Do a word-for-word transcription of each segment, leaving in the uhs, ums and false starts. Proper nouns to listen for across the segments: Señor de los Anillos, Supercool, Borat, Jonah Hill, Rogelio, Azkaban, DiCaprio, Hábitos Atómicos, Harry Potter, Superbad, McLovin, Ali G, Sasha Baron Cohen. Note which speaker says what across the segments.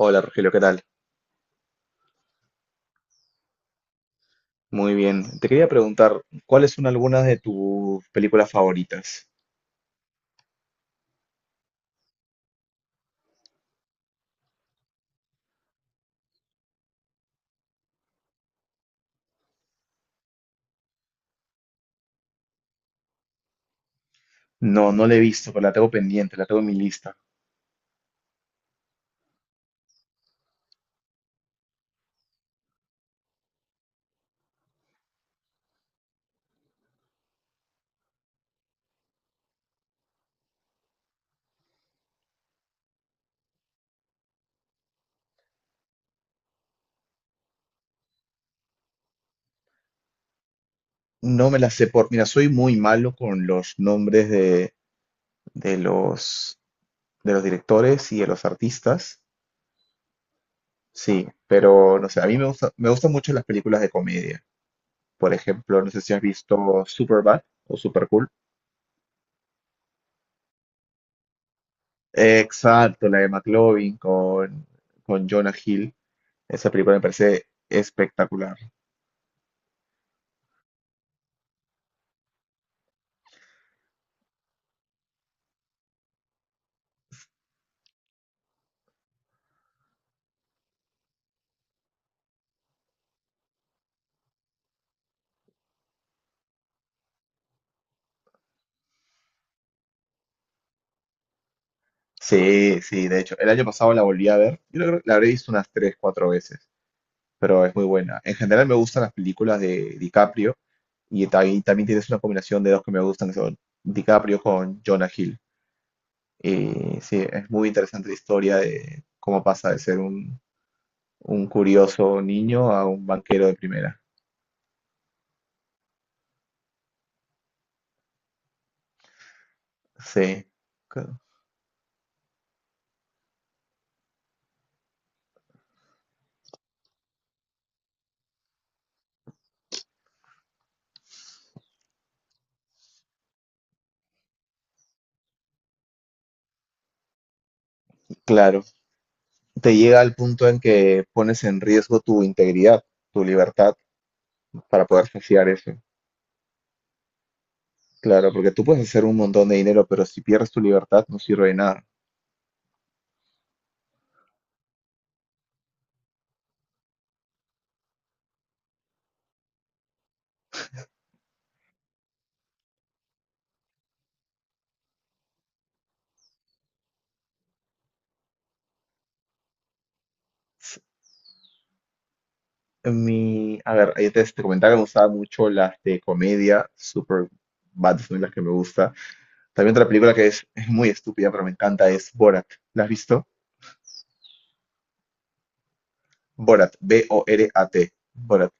Speaker 1: Hola Rogelio, ¿qué tal? Muy bien. Te quería preguntar, ¿cuáles son algunas de tus películas favoritas? No, no la he visto, pero la tengo pendiente, la tengo en mi lista. No me la sé por... Mira, soy muy malo con los nombres de, de los, de los directores y de los artistas. Sí, pero no sé, a mí me gusta, me gustan mucho las películas de comedia. Por ejemplo, no sé si has visto Superbad o Supercool. Exacto, la de McLovin con, con Jonah Hill. Esa película me parece espectacular. Sí, sí, de hecho, el año pasado la volví a ver. Yo creo que la habré visto unas tres, cuatro veces, pero es muy buena. En general me gustan las películas de DiCaprio y también, también tienes una combinación de dos que me gustan, que son DiCaprio con Jonah Hill. Y sí, es muy interesante la historia de cómo pasa de ser un, un curioso niño a un banquero de primera. Sí, claro. Claro, te llega al punto en que pones en riesgo tu integridad, tu libertad para poder saciar eso. Claro, porque tú puedes hacer un montón de dinero, pero si pierdes tu libertad no sirve de nada. S- Mi, a ver, ahí te, te comentaba que me gustaban mucho las de comedia, super bad son las que me gusta. También otra película que es, es muy estúpida, pero me encanta es Borat. ¿La has visto? Borat, B O R A T. Borat,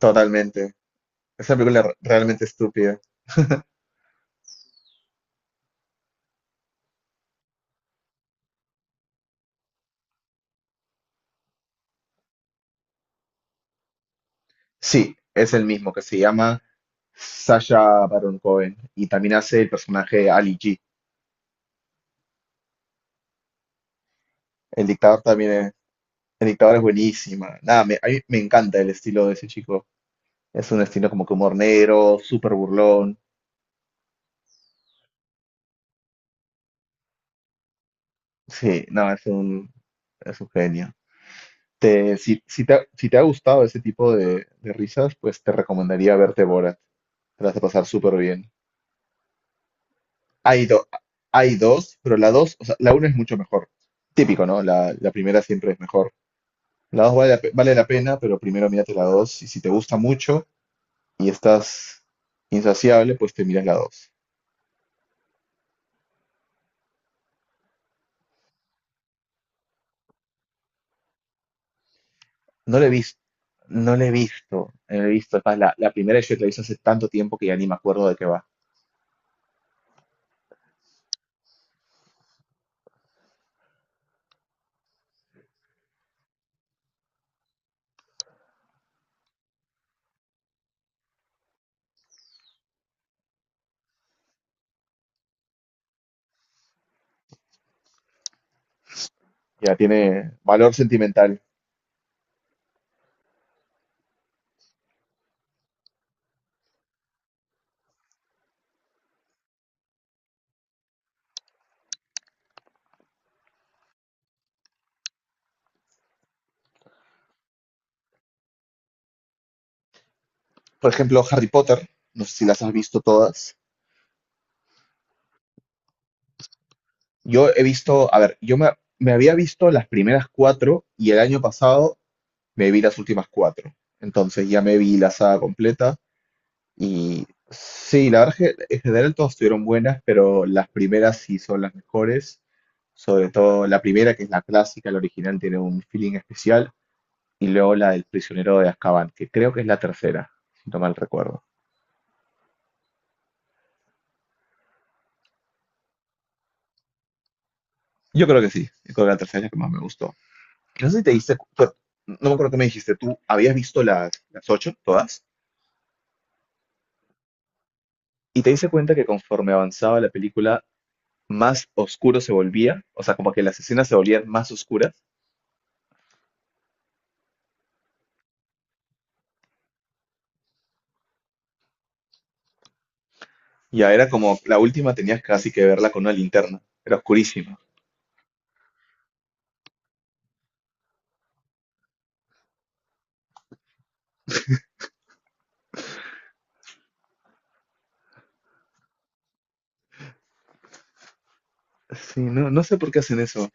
Speaker 1: totalmente. Esa película es re- realmente estúpida. Sí, es el mismo, que se llama Sasha Baron Cohen y también hace el personaje de Ali G. El dictador también. La dictadura es buenísima. Nada, me, a mí me encanta el estilo de ese chico. Es un estilo como que humor negro, súper burlón. Sí, no, es un, es un genio. Te- si, si te, ha- si te ha gustado ese tipo de, de risas, pues te recomendaría verte Borat. Te la vas a pasar súper bien. Hay, do- Hay dos, pero la dos, o sea, la una es mucho mejor. Típico, ¿no? La, la primera siempre es mejor. La dos vale la, pe- vale la pena, pero primero mírate la dos. Y si te gusta mucho y estás insaciable, pues te miras la dos. No lo he visto, no lo he visto, no lo he visto. Es más, la, la primera yo la hice hace tanto tiempo que ya ni me acuerdo de qué va. Ya tiene valor sentimental. Por ejemplo, Harry Potter, no sé si las has visto todas. Yo he visto, a ver, yo me, me había visto las primeras cuatro y el año pasado me vi las últimas cuatro. Entonces ya me vi la saga completa y sí, la verdad es que en general todas estuvieron buenas, pero las primeras sí son las mejores. Sobre todo la primera, que es la clásica, la original, tiene un feeling especial. Y luego la del prisionero de Azkaban, que creo que es la tercera, si no mal recuerdo. Yo creo que sí, yo creo que la tercera es la que más me gustó. No sé si te diste, cu- pero no me acuerdo qué me dijiste, tú habías visto las, las ocho, todas, y te diste cuenta que conforme avanzaba la película, más oscuro se volvía, o sea, como que las escenas se volvían más oscuras, y ya era como, la última tenías casi que verla con una linterna, era oscurísima. Sí, no, no sé por qué hacen eso.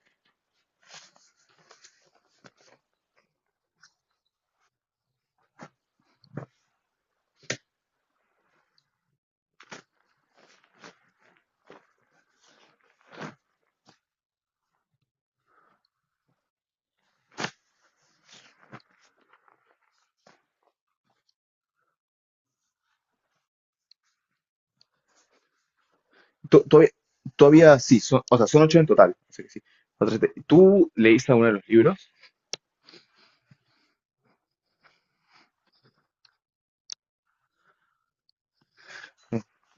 Speaker 1: Tú, Todavía, todavía sí, son, o sea, son ocho en total, así que sí. Otras te- ¿Tú leíste alguno de los libros?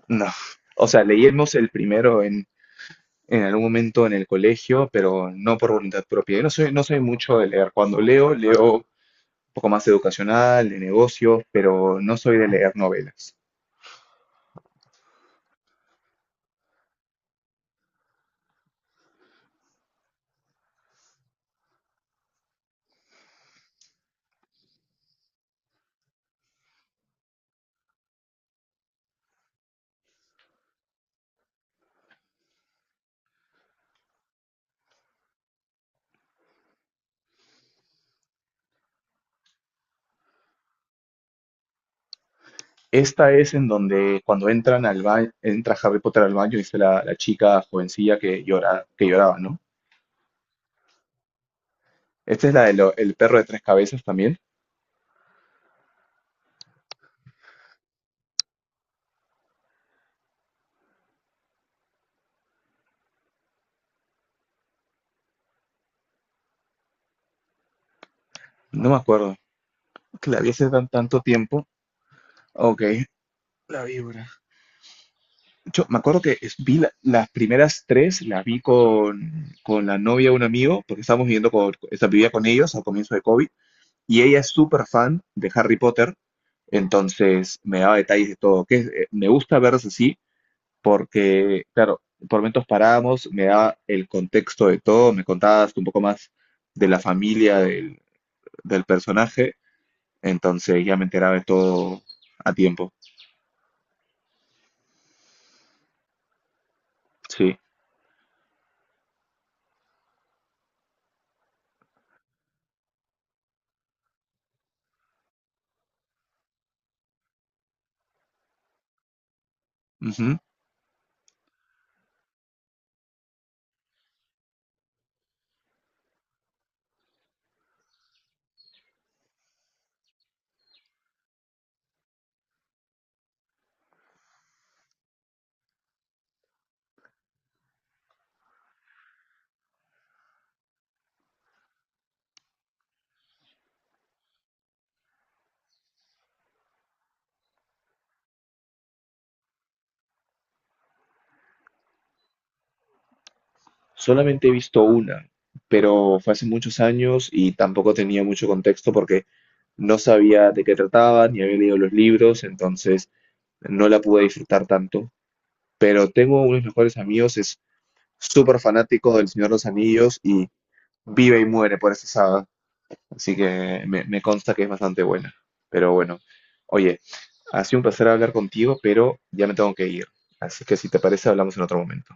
Speaker 1: No, o sea, leímos el primero en, en algún momento en el colegio, pero no por voluntad propia. Yo no soy, no soy mucho de leer. Cuando leo, leo un poco más educacional, de negocios, pero no soy de leer novelas. Esta es en donde cuando entran al baño, entra Harry Potter al baño, dice la, la chica jovencilla que llora, que lloraba, ¿no? Esta es la del el perro de tres cabezas también. No me acuerdo. Que la vi hace tan, tanto tiempo. Ok, la víbora. Yo me acuerdo que es- vi la- las primeras tres, las vi con, con la novia de un amigo, porque estábamos viviendo con, esta vivía con ellos al comienzo de COVID, y ella es súper fan de Harry Potter, entonces me daba detalles de todo, que es- eh, me gusta verlos así, porque claro, por momentos parábamos, me daba el contexto de todo, me contabas un poco más de la familia del, del personaje, entonces ya me enteraba de todo a tiempo, sí. Ujú. Solamente he visto una, pero fue hace muchos años y tampoco tenía mucho contexto porque no sabía de qué trataba, ni había leído los libros, entonces no la pude disfrutar tanto. Pero tengo uno de mis mejores amigos, es súper fanático del Señor de los Anillos y vive y muere por esa saga, así que me, me consta que es bastante buena. Pero bueno, oye, ha sido un placer hablar contigo, pero ya me tengo que ir, así que si te parece hablamos en otro momento.